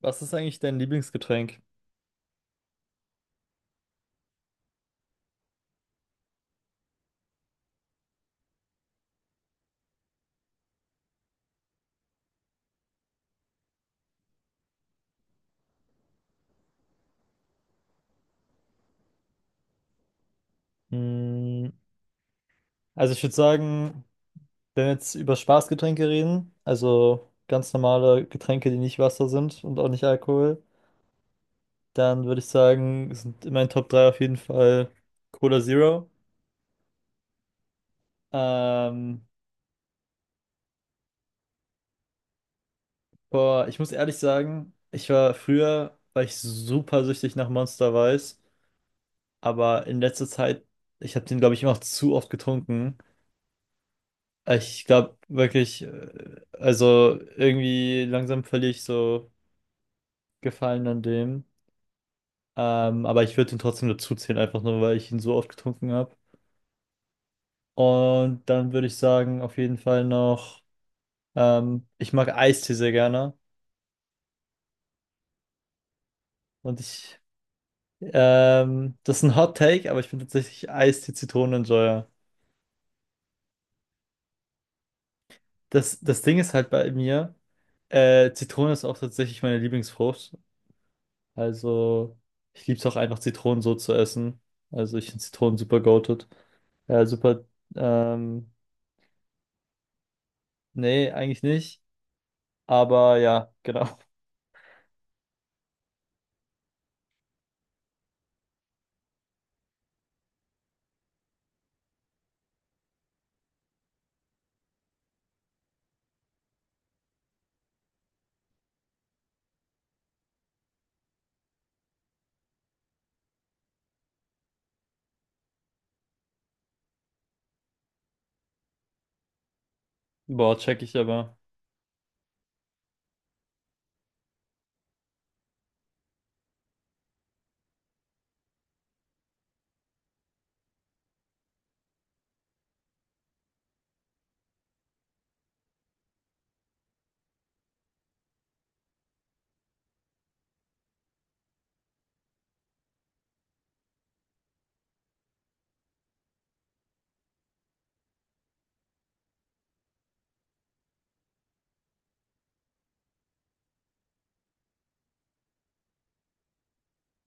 Was ist eigentlich dein Lieblingsgetränk? Hm, also ich würde sagen, wenn wir jetzt über Spaßgetränke reden, also ganz normale Getränke, die nicht Wasser sind und auch nicht Alkohol, dann würde ich sagen, sind in meinen Top 3 auf jeden Fall Cola Zero. Ähm, boah, ich muss ehrlich sagen, ich war früher, war ich super süchtig nach Monster Weiß, aber in letzter Zeit, ich habe den, glaube ich, immer noch zu oft getrunken. Ich glaube wirklich, also irgendwie langsam verliere ich so Gefallen an dem. Aber ich würde ihn trotzdem dazu zählen, einfach nur, weil ich ihn so oft getrunken habe. Und dann würde ich sagen, auf jeden Fall noch, ich mag Eistee sehr gerne. Und ich, das ist ein Hot Take, aber ich bin tatsächlich Eistee-Zitronenenjoyer. Das Ding ist halt bei mir, Zitrone ist auch tatsächlich meine Lieblingsfrucht. Also, ich liebe es auch einfach, Zitronen so zu essen. Also, ich finde Zitronen super goated. Ja, super. Ähm, nee, eigentlich nicht. Aber ja, genau. Boah, check ich aber.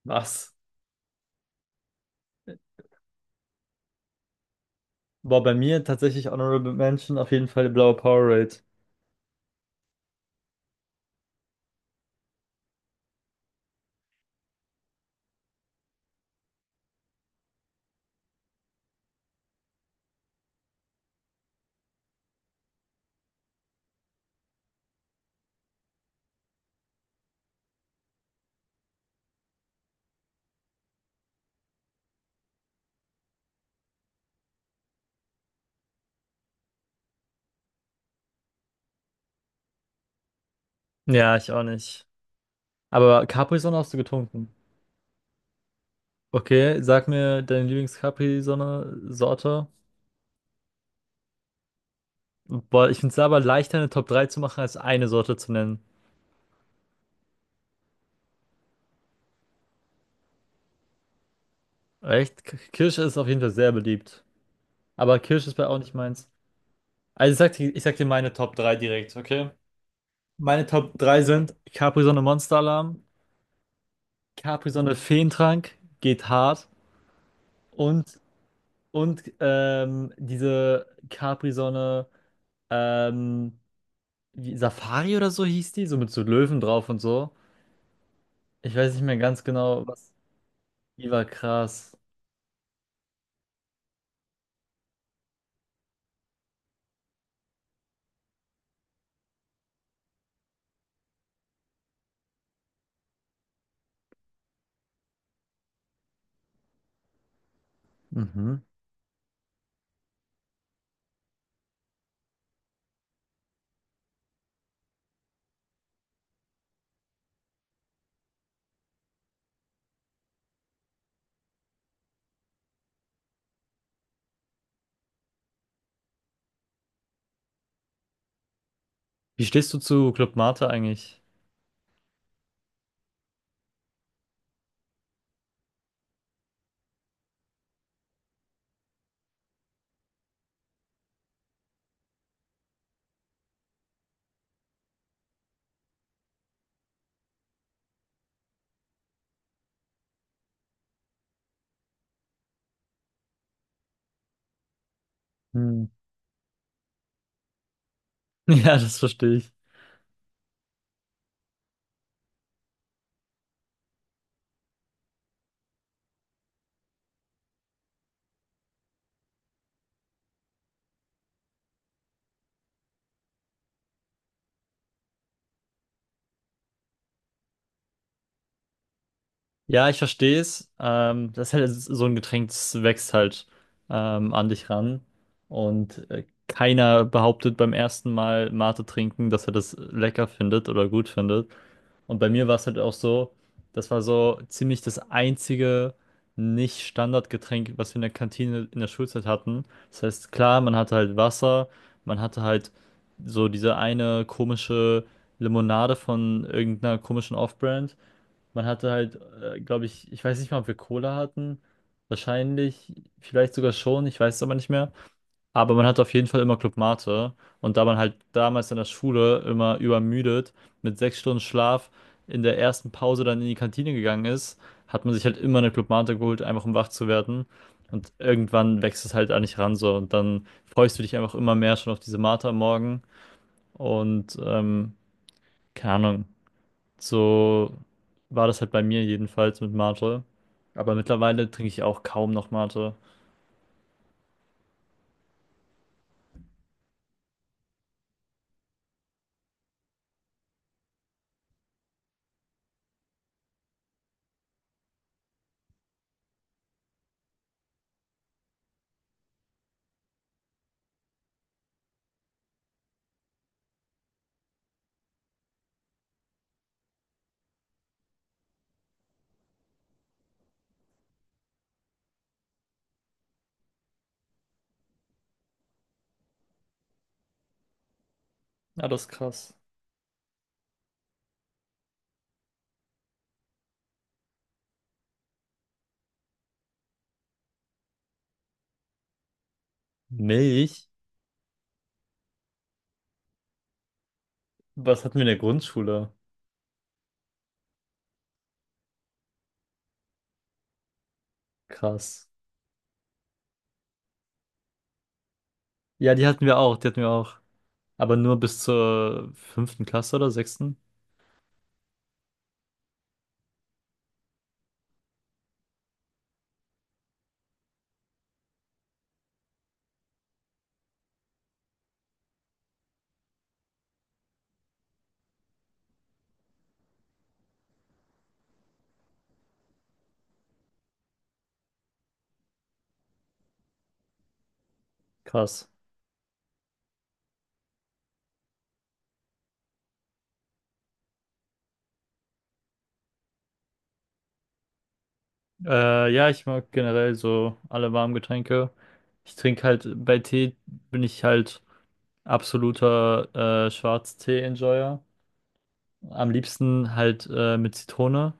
Was? Boah, bei mir tatsächlich Honorable Mention auf jeden Fall die blaue Powerade. Ja, ich auch nicht. Aber Capri-Sonne hast du getrunken. Okay, sag mir deine Lieblings-Capri-Sonne-Sorte. Boah, ich finde es aber leichter, eine Top 3 zu machen, als eine Sorte zu nennen. Echt? K- Kirsche ist auf jeden Fall sehr beliebt. Aber Kirsch ist bei auch nicht meins. Also ich sag dir meine Top drei direkt, okay? Meine Top 3 sind Capri-Sonne Monster-Alarm, Capri-Sonne Feentrank, geht hart und, und diese Capri-Sonne ähm, wie- Safari oder so hieß die, so mit so Löwen drauf und so. Ich weiß nicht mehr ganz genau, was. Die war krass. Mhm. Wie stehst du zu Club Mate eigentlich? Hm. Ja, das verstehe ich. Ja, ich verstehe es. Das ist halt so ein Getränk, das wächst halt an dich ran. Und keiner behauptet beim ersten Mal Mate trinken, dass er das lecker findet oder gut findet. Und bei mir war es halt auch so, das war so ziemlich das einzige Nicht-Standardgetränk, was wir in der Kantine in der Schulzeit hatten. Das heißt, klar, man hatte halt Wasser, man hatte halt so diese eine komische Limonade von irgendeiner komischen Off-Brand. Man hatte halt, glaube ich, ich weiß nicht mal, ob wir Cola hatten. Wahrscheinlich, vielleicht sogar schon, ich weiß es aber nicht mehr. Aber man hatte auf jeden Fall immer Club Mate. Und da man halt damals in der Schule immer übermüdet, mit 6 Stunden Schlaf in der ersten Pause dann in die Kantine gegangen ist, hat man sich halt immer eine Club Mate geholt, einfach um wach zu werden. Und irgendwann wächst es halt an dich ran so. Und dann freust du dich einfach immer mehr schon auf diese Mate am Morgen. Und keine Ahnung. So war das halt bei mir jedenfalls mit Mate. Aber mittlerweile trinke ich auch kaum noch Mate. Ja, das ist krass. Milch? Was hatten wir in der Grundschule? Krass. Ja, die hatten wir auch, die hatten wir auch. Aber nur bis zur fünften Klasse oder sechsten. Krass. Ja, ich mag generell so alle warmen Getränke. Ich trinke halt, bei Tee bin ich halt absoluter Schwarztee-Enjoyer. Am liebsten halt mit Zitrone.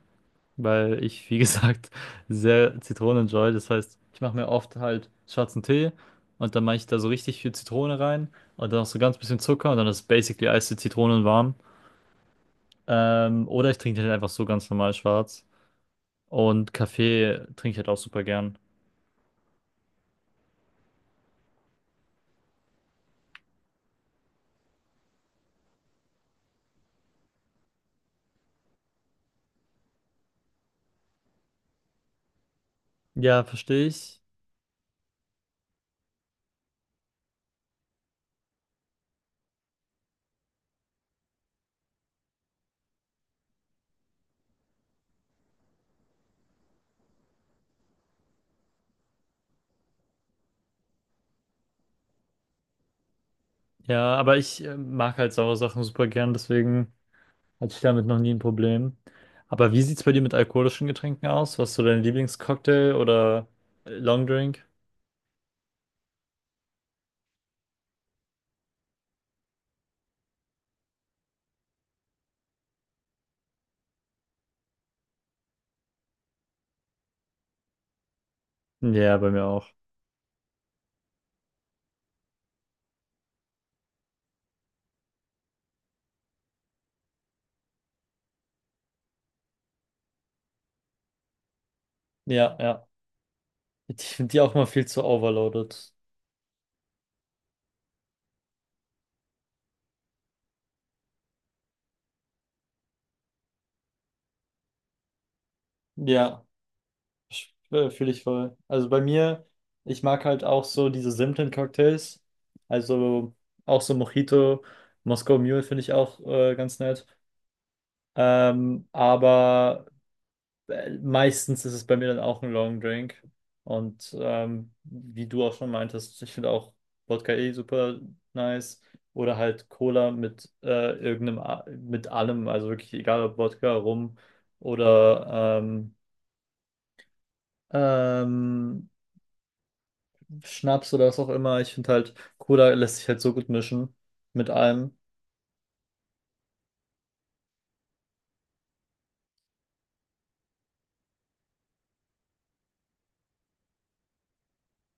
Weil ich, wie gesagt, sehr Zitronen enjoy. Das heißt, ich mache mir oft halt schwarzen Tee und dann mache ich da so richtig viel Zitrone rein und dann noch so ganz bisschen Zucker und dann ist basically eiste Zitronen warm. Oder ich trinke den halt einfach so ganz normal schwarz. Und Kaffee trinke ich halt auch super gern. Ja, verstehe ich. Ja, aber ich mag halt saure Sachen super gern, deswegen hatte ich damit noch nie ein Problem. Aber wie sieht's bei dir mit alkoholischen Getränken aus? Was ist so dein Lieblingscocktail oder Longdrink? Ja, bei mir auch. Ja, ja. Ich finde die auch mal viel zu overloaded. Ja, fühle ich voll. Also bei mir, ich mag halt auch so diese simplen Cocktails. Also auch so Mojito, Moscow Mule finde ich auch ganz nett. Aber meistens ist es bei mir dann auch ein Long Drink. Und wie du auch schon meintest, ich finde auch Wodka eh super nice. Oder halt Cola mit irgendeinem, A- mit allem, also wirklich egal ob Wodka, Rum oder ähm, Schnaps oder was auch immer. Ich finde halt, Cola lässt sich halt so gut mischen mit allem.